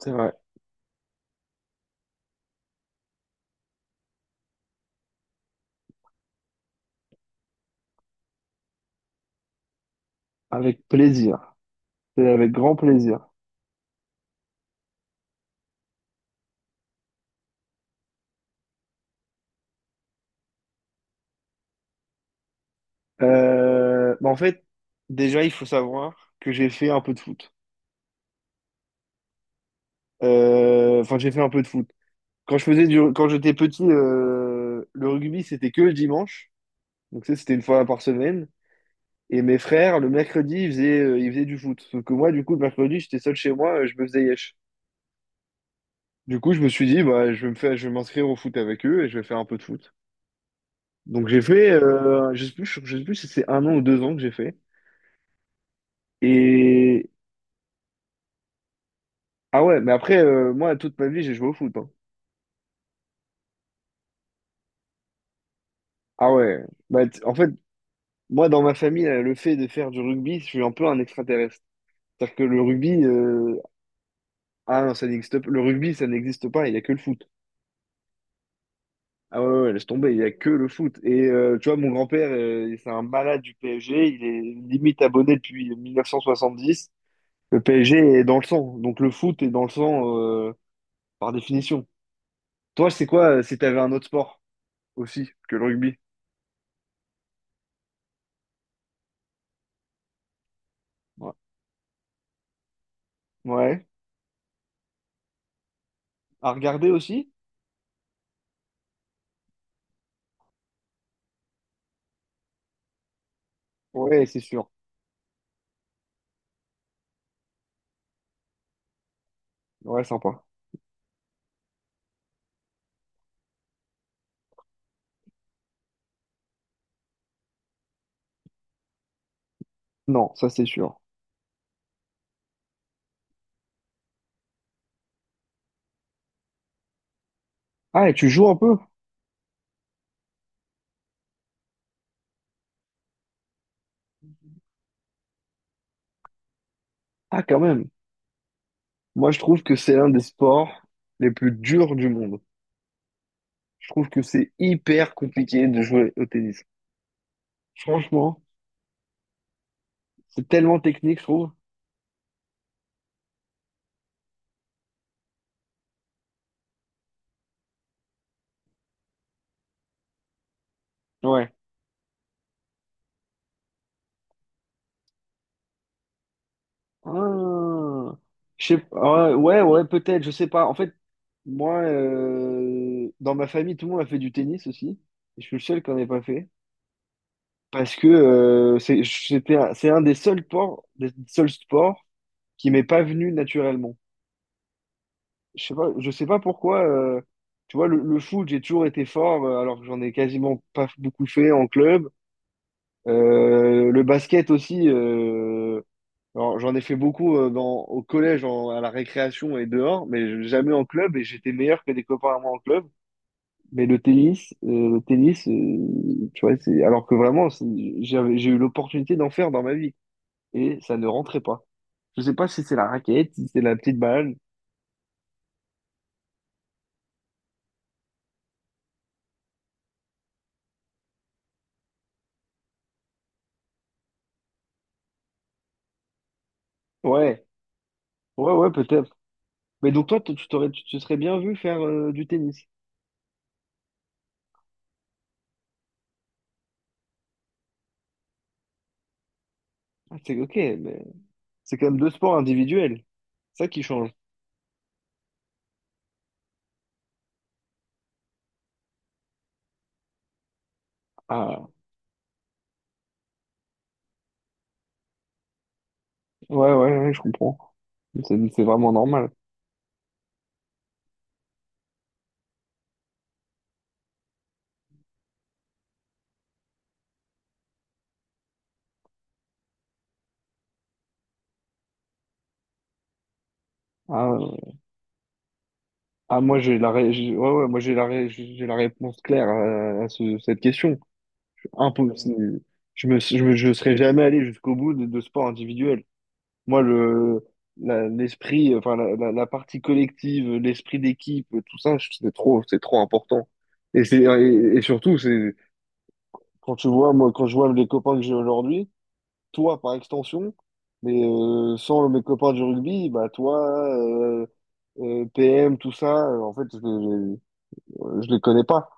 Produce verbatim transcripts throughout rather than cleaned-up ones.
C'est vrai, avec plaisir. C'est avec grand plaisir. Euh, bah en fait, déjà, il faut savoir que j'ai fait un peu de foot. Euh, Enfin, j'ai fait un peu de foot. Quand je faisais du, quand j'étais petit, euh, le rugby, c'était que le dimanche. Donc, ça, c'était une fois par semaine. Et mes frères, le mercredi, ils faisaient, euh, ils faisaient du foot. Sauf que moi, du coup, le mercredi, j'étais seul chez moi, euh, je me faisais yesh. Du coup, je me suis dit, bah, je vais me faire, je vais m'inscrire au foot avec eux et je vais faire un peu de foot. Donc, j'ai fait, euh, je sais plus, je sais plus si c'est un an ou deux ans que j'ai fait. Et ah ouais, mais après, euh, moi, toute ma vie, j'ai joué au foot, hein. Ah ouais. Bah, t- en fait, moi, dans ma famille, euh, le fait de faire du rugby, je suis un peu un extraterrestre. C'est-à-dire que le rugby, euh, ah non, ça n'existe pas. Le rugby, ça n'existe pas, il n'y a que le foot. Ah ouais, ouais, ouais, laisse tomber, il n'y a que le foot. Et euh, tu vois, mon grand-père, euh, c'est un malade du P S G, il est limite abonné depuis mille neuf cent soixante-dix. Le P S G est dans le sang, donc le foot est dans le sang euh, par définition. Toi, c'est quoi euh, si t'avais un autre sport aussi que le rugby? Ouais. Ouais. À regarder aussi? Ouais, c'est sûr. Ouais, sympa. Non, ça c'est sûr. Ah, et tu joues un peu? Ah, quand même. Moi, je trouve que c'est l'un des sports les plus durs du monde. Je trouve que c'est hyper compliqué de jouer au tennis. Franchement, c'est tellement technique, je trouve. Ouais. Ah, je sais pas. Ouais, ouais, peut-être, je sais pas. En fait, moi, euh, dans ma famille, tout le monde a fait du tennis aussi. Et je suis le seul qui n'en ait pas fait. Parce que euh, c'est c'était un- c'est un des seuls sports, des seuls sports. qui m'est pas venu naturellement. Je sais pas, je sais pas pourquoi. Euh, tu vois, le, le foot, j'ai toujours été fort, euh, alors que j'en ai quasiment pas beaucoup fait en club. Euh, le basket aussi. Euh, alors, j'en ai fait beaucoup euh, dans, au collège, en- à la récréation et dehors, mais jamais en club. Et j'étais meilleur que des copains à moi en club. Mais le tennis, euh, le tennis, euh, tu vois, c'est alors que vraiment, c'est- j'avais, j'ai eu l'opportunité d'en faire dans ma vie et ça ne rentrait pas. Je sais pas si c'est la raquette, si c'est la petite balle. Ouais. Ouais, ouais, peut-être. Mais donc toi, t- tu t'aurais, tu te serais bien vu faire euh, du tennis. Ah, c'est ok, mais c'est quand même deux sports individuels. C'est ça qui change. Ah, ouais, ouais, ouais, je comprends. C'est c'est vraiment normal. Ah, ouais. Ah, moi, j'ai la, ré- j'ai- ouais, ouais, moi, j'ai la, ré- j'ai la réponse claire à, à ce- cette question. Impossible. Je me, je me- je serais jamais allé jusqu'au bout de, de sports individuels. Moi, le, la- l'esprit, enfin, la, la- la partie collective, l'esprit d'équipe, tout ça, je- c'est trop, c'est trop important. Et c'est, et, et surtout, c'est, quand tu vois, moi, quand je vois les copains que j'ai aujourd'hui, toi, par extension, mais euh, sans mes copains du rugby, bah, toi, euh, euh, P M, tout ça, euh, en fait, je, je, je les connais pas.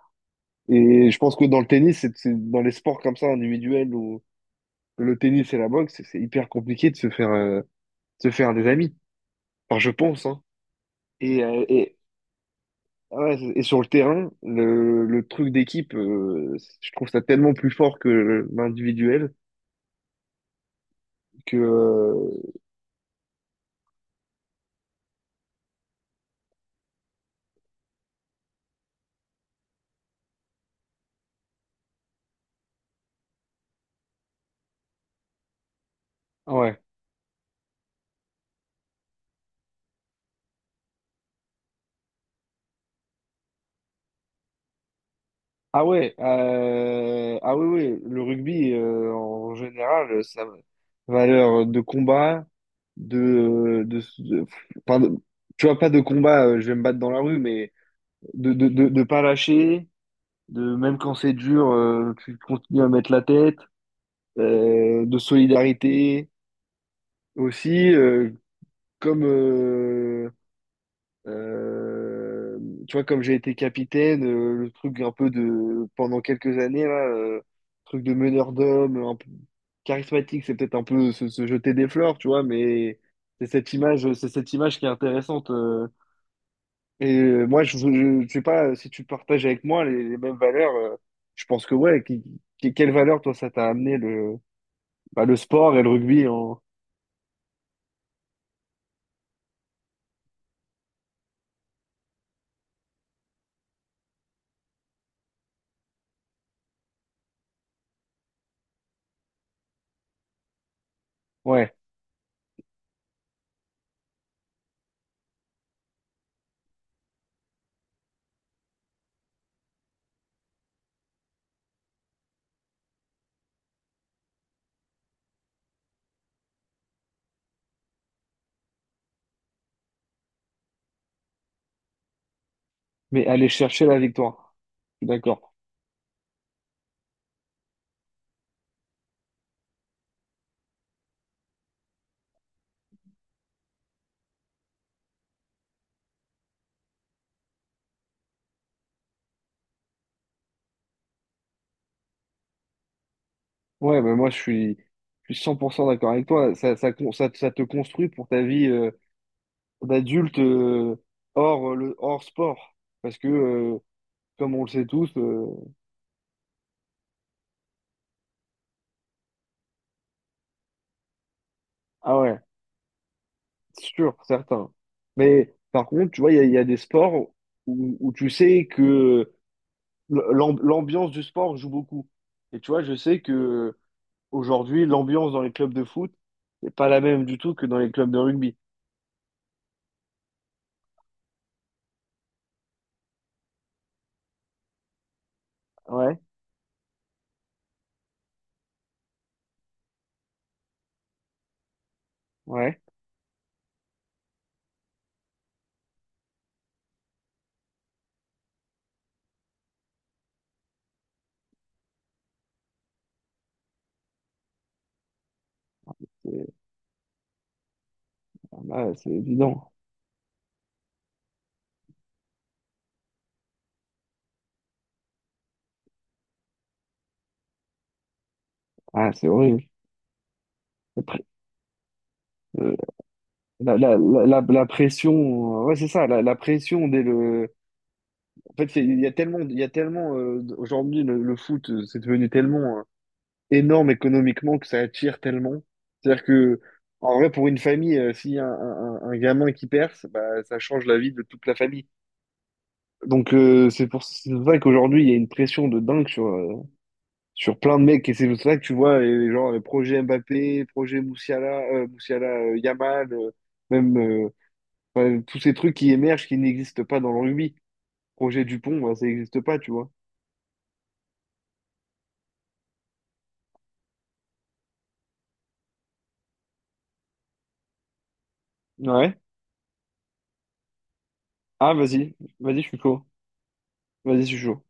Et je pense que dans le tennis, c'est, c'est- dans les sports comme ça, individuels, où le tennis et la boxe, c'est c'est hyper compliqué de se faire, euh, de se faire des amis. Enfin, je pense, hein. Et, euh, et, ouais, c'est- et sur le terrain, le, le truc d'équipe, euh, je trouve ça tellement plus fort que l'individuel que euh, ouais. Ah ouais, euh, ah oui, oui, le rugby euh, en général, sa valeur de combat, de, de, de- enfin, de- tu vois, pas de combat, euh, je vais me battre dans la rue, mais de, de, de, de pas lâcher, de même quand c'est dur, euh, tu continues à mettre la tête, euh, de solidarité aussi. Euh, comme euh, euh, tu vois, comme j'ai été capitaine euh, le truc un peu de pendant quelques années là euh, truc de meneur d'homme un peu charismatique, c'est peut-être un peu se, se jeter des fleurs, tu vois, mais c'est cette image c'est cette image qui est intéressante euh. Et, euh, moi, je, je, je sais pas si tu partages avec moi les, les mêmes valeurs euh, je pense que ouais, qui, qui- quelle valeur toi ça t'a amené le bah, le sport et le rugby en ouais mais aller chercher la victoire. Je suis d'accord. Ouais, bah moi je suis, je suis, cent pour cent d'accord avec toi. Ça, ça, con- ça, ça te construit pour ta vie euh, d'adulte euh, hors, euh, le, hors sport. Parce que, euh, comme on le sait tous, euh, ah ouais, sûr, certain. Mais par contre, tu vois, il y a, il y a des sports où, où tu sais que l'am- l'ambiance du sport joue beaucoup. Et tu vois, je sais que aujourd'hui, l'ambiance dans les clubs de foot n'est pas la même du tout que dans les clubs de rugby. Ouais, ouais, c'est ah, bah, c'est évident. Ah, c'est horrible. Euh, la, la, la, la- la pression, euh, ouais, c'est ça, la, la pression dès le. En fait, c'est- il y a tellement, il y a tellement euh, d- aujourd'hui le, le foot, euh, c'est devenu tellement euh, énorme économiquement que ça attire tellement. C'est-à-dire que, en vrai, pour une famille, euh, s'il y a un, un, un- un gamin qui perce, bah, ça change la vie de toute la famille. Donc, euh, c'est pour, c'est pour ça qu'aujourd'hui, il y a une pression de dingue sur, euh, sur plein de mecs. Et c'est pour ça que tu vois, les genre, les projets Mbappé, projet Moussiala, euh, Moussiala, euh, Yamal, euh, même. euh, Enfin, tous ces trucs qui émergent, qui n'existent pas dans le rugby. Projet Dupont, bah, ça n'existe pas, tu vois. Ouais. Ah, vas-y. Vas-y, je suis chaud. Vas-y, je suis chaud.